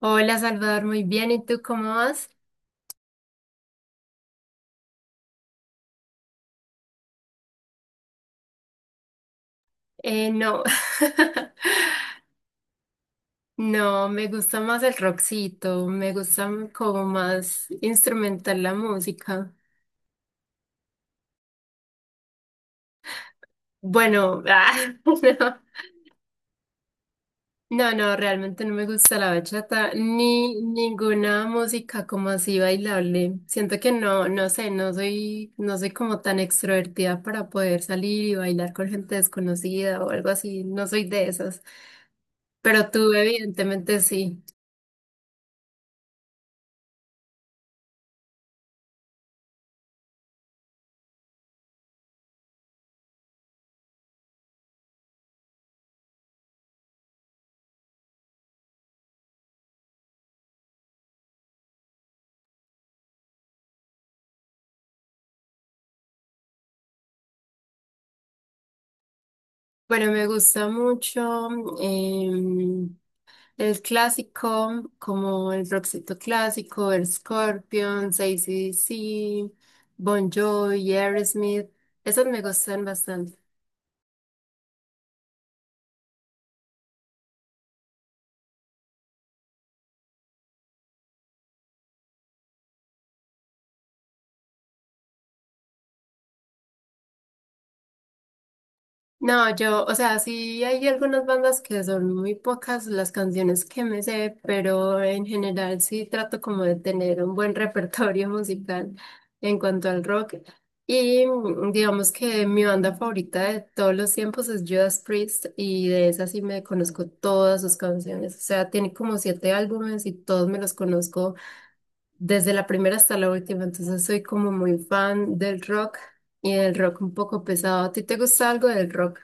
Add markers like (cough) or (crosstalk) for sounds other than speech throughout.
Hola Salvador, muy bien. ¿Y tú cómo vas? No, (laughs) no, me gusta más el rockcito, como más instrumental la música. Bueno, (laughs) no, no, realmente no me gusta la bachata ni ninguna música como así bailable. Siento que no, no sé, no soy como tan extrovertida para poder salir y bailar con gente desconocida o algo así, no soy de esas. Pero tú evidentemente sí. Bueno, me gusta mucho em, el clásico, como el rockcito clásico, el Scorpions, AC/DC, Bon Jovi, Aerosmith. Esos me gustan bastante. No, yo, o sea, sí hay algunas bandas que son muy pocas las canciones que me sé, pero en general sí trato como de tener un buen (laughs) repertorio musical en cuanto al rock. Y digamos que mi banda favorita de todos los tiempos es Judas Priest y de esa sí me conozco todas sus canciones. O sea, tiene como siete álbumes y todos me los conozco desde la primera hasta la última. Entonces soy como muy fan del rock y del rock un poco pesado. ¿A ti te gusta algo del rock?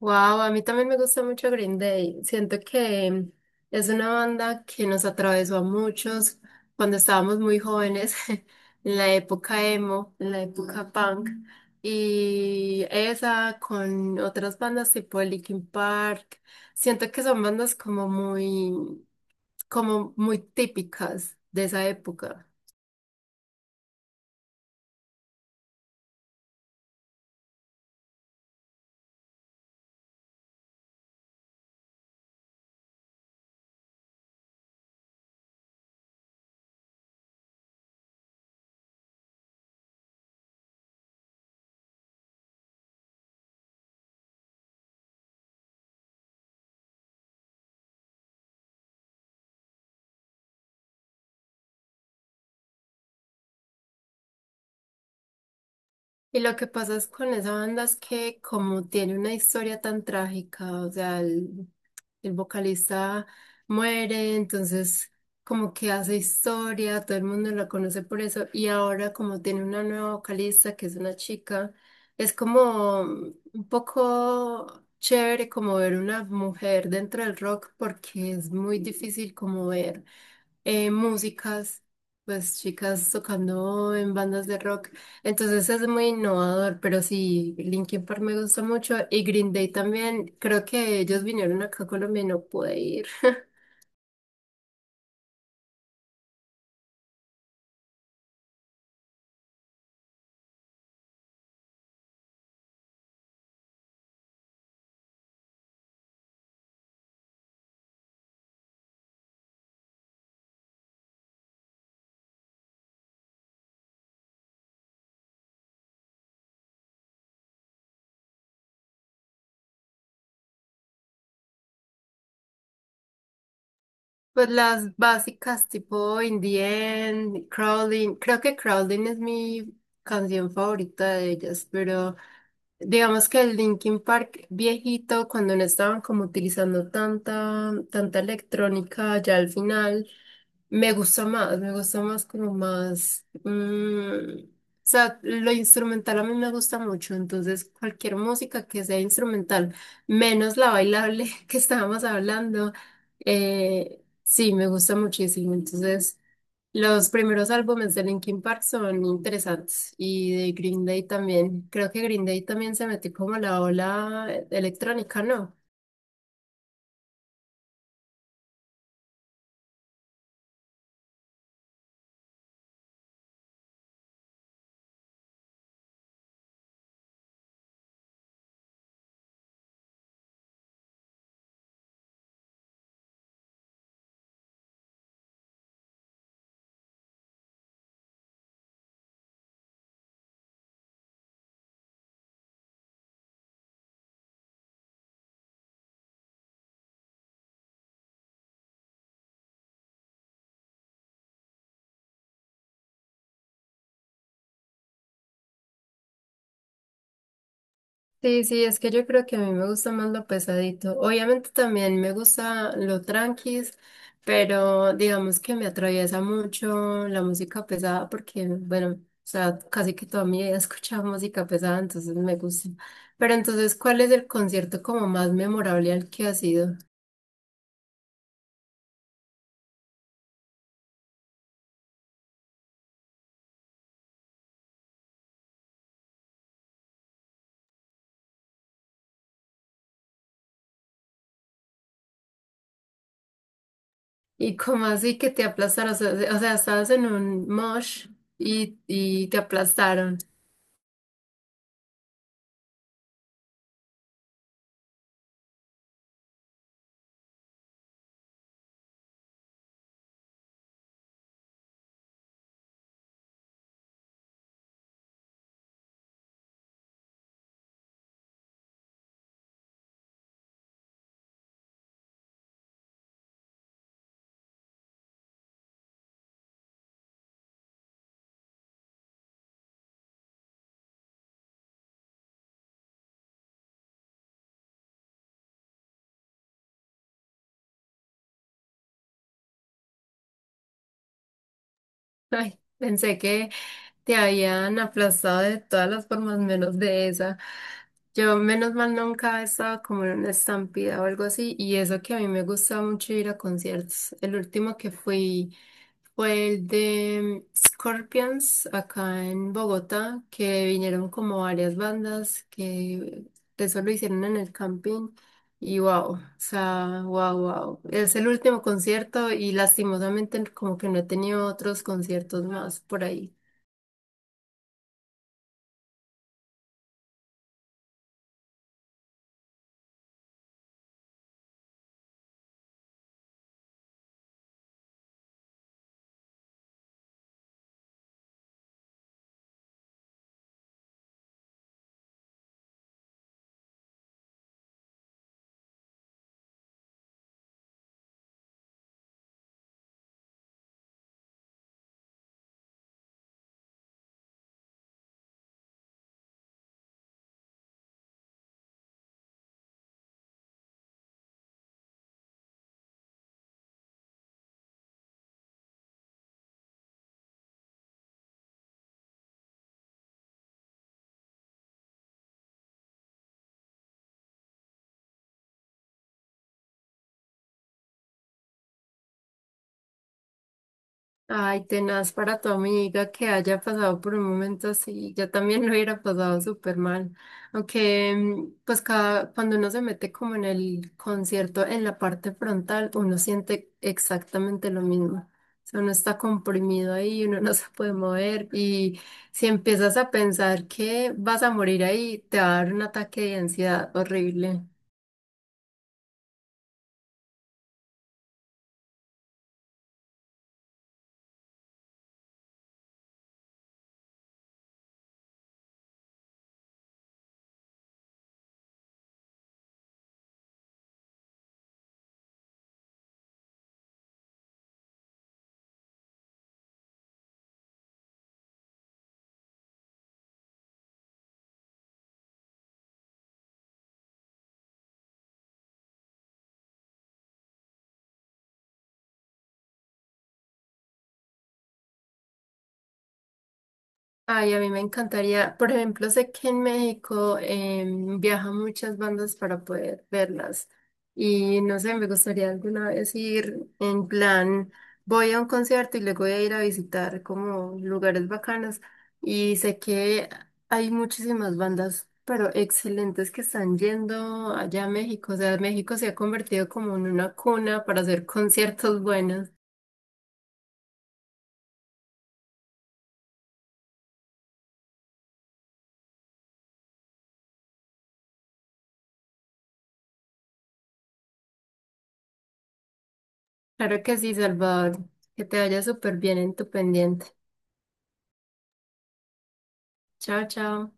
Wow, a mí también me gusta mucho Green Day. Siento que es una banda que nos atravesó a muchos cuando estábamos muy jóvenes, (laughs) en la época emo, en la época punk. Y esa con otras bandas tipo Linkin Park. Siento que son bandas como muy típicas de esa época. Y lo que pasa es con esa banda es que como tiene una historia tan trágica, o sea, el vocalista muere, entonces como que hace historia, todo el mundo la conoce por eso, y ahora como tiene una nueva vocalista que es una chica, es como un poco chévere como ver una mujer dentro del rock porque es muy difícil como ver músicas, pues chicas tocando en bandas de rock. Entonces es muy innovador, pero sí, Linkin Park me gusta mucho y Green Day también. Creo que ellos vinieron acá a Colombia y no pude ir. (laughs) Pues las básicas tipo In the End, Crawling. Creo que Crawling es mi canción favorita de ellas, pero digamos que el Linkin Park viejito, cuando no estaban como utilizando tanta electrónica, ya al final. Me gusta más como más, o sea, lo instrumental a mí me gusta mucho, entonces cualquier música que sea instrumental, menos la bailable (laughs) que estábamos hablando, sí, me gusta muchísimo, entonces los primeros álbumes de Linkin Park son interesantes y de Green Day también, creo que Green Day también se metió como a la ola electrónica, ¿no? Sí, es que yo creo que a mí me gusta más lo pesadito. Obviamente también me gusta lo tranquis, pero digamos que me atraviesa mucho la música pesada porque, bueno, o sea, casi que toda mi vida he escuchado música pesada, entonces me gusta. Pero entonces, ¿cuál es el concierto como más memorable al que has ido? Y como así que te aplastaron, o sea, estabas en un mosh y te aplastaron. Ay, pensé que... Te habían aplastado de todas las formas menos de esa. Yo menos mal nunca he estado como en una estampida o algo así y eso que a mí me gusta mucho ir a conciertos. El último que fui fue el de Scorpions acá en Bogotá, que vinieron como varias bandas que eso lo hicieron en el camping y wow, o sea, wow, wow. Es el último concierto y lastimosamente como que no he tenido otros conciertos más por ahí. Ay, tenaz para tu amiga que haya pasado por un momento así. Yo también lo hubiera pasado súper mal. Aunque, pues, cuando uno se mete como en el concierto, en la parte frontal, uno siente exactamente lo mismo. O sea, uno está comprimido ahí, uno (laughs) no se puede mover. Y si empiezas a pensar que vas a morir ahí, te va a dar un ataque de ansiedad horrible. Ay, a mí me encantaría. Por ejemplo, sé que en México viajan muchas bandas para poder verlas. Y no sé, me gustaría alguna vez ir en plan, voy a un concierto y luego voy a ir a visitar como lugares bacanos. Y sé que hay muchísimas bandas, pero excelentes que están yendo allá a México. O sea, México se ha convertido como en una cuna para hacer conciertos buenos. Claro que sí, Salvador. Que te vaya súper bien en tu pendiente. Chao, chao.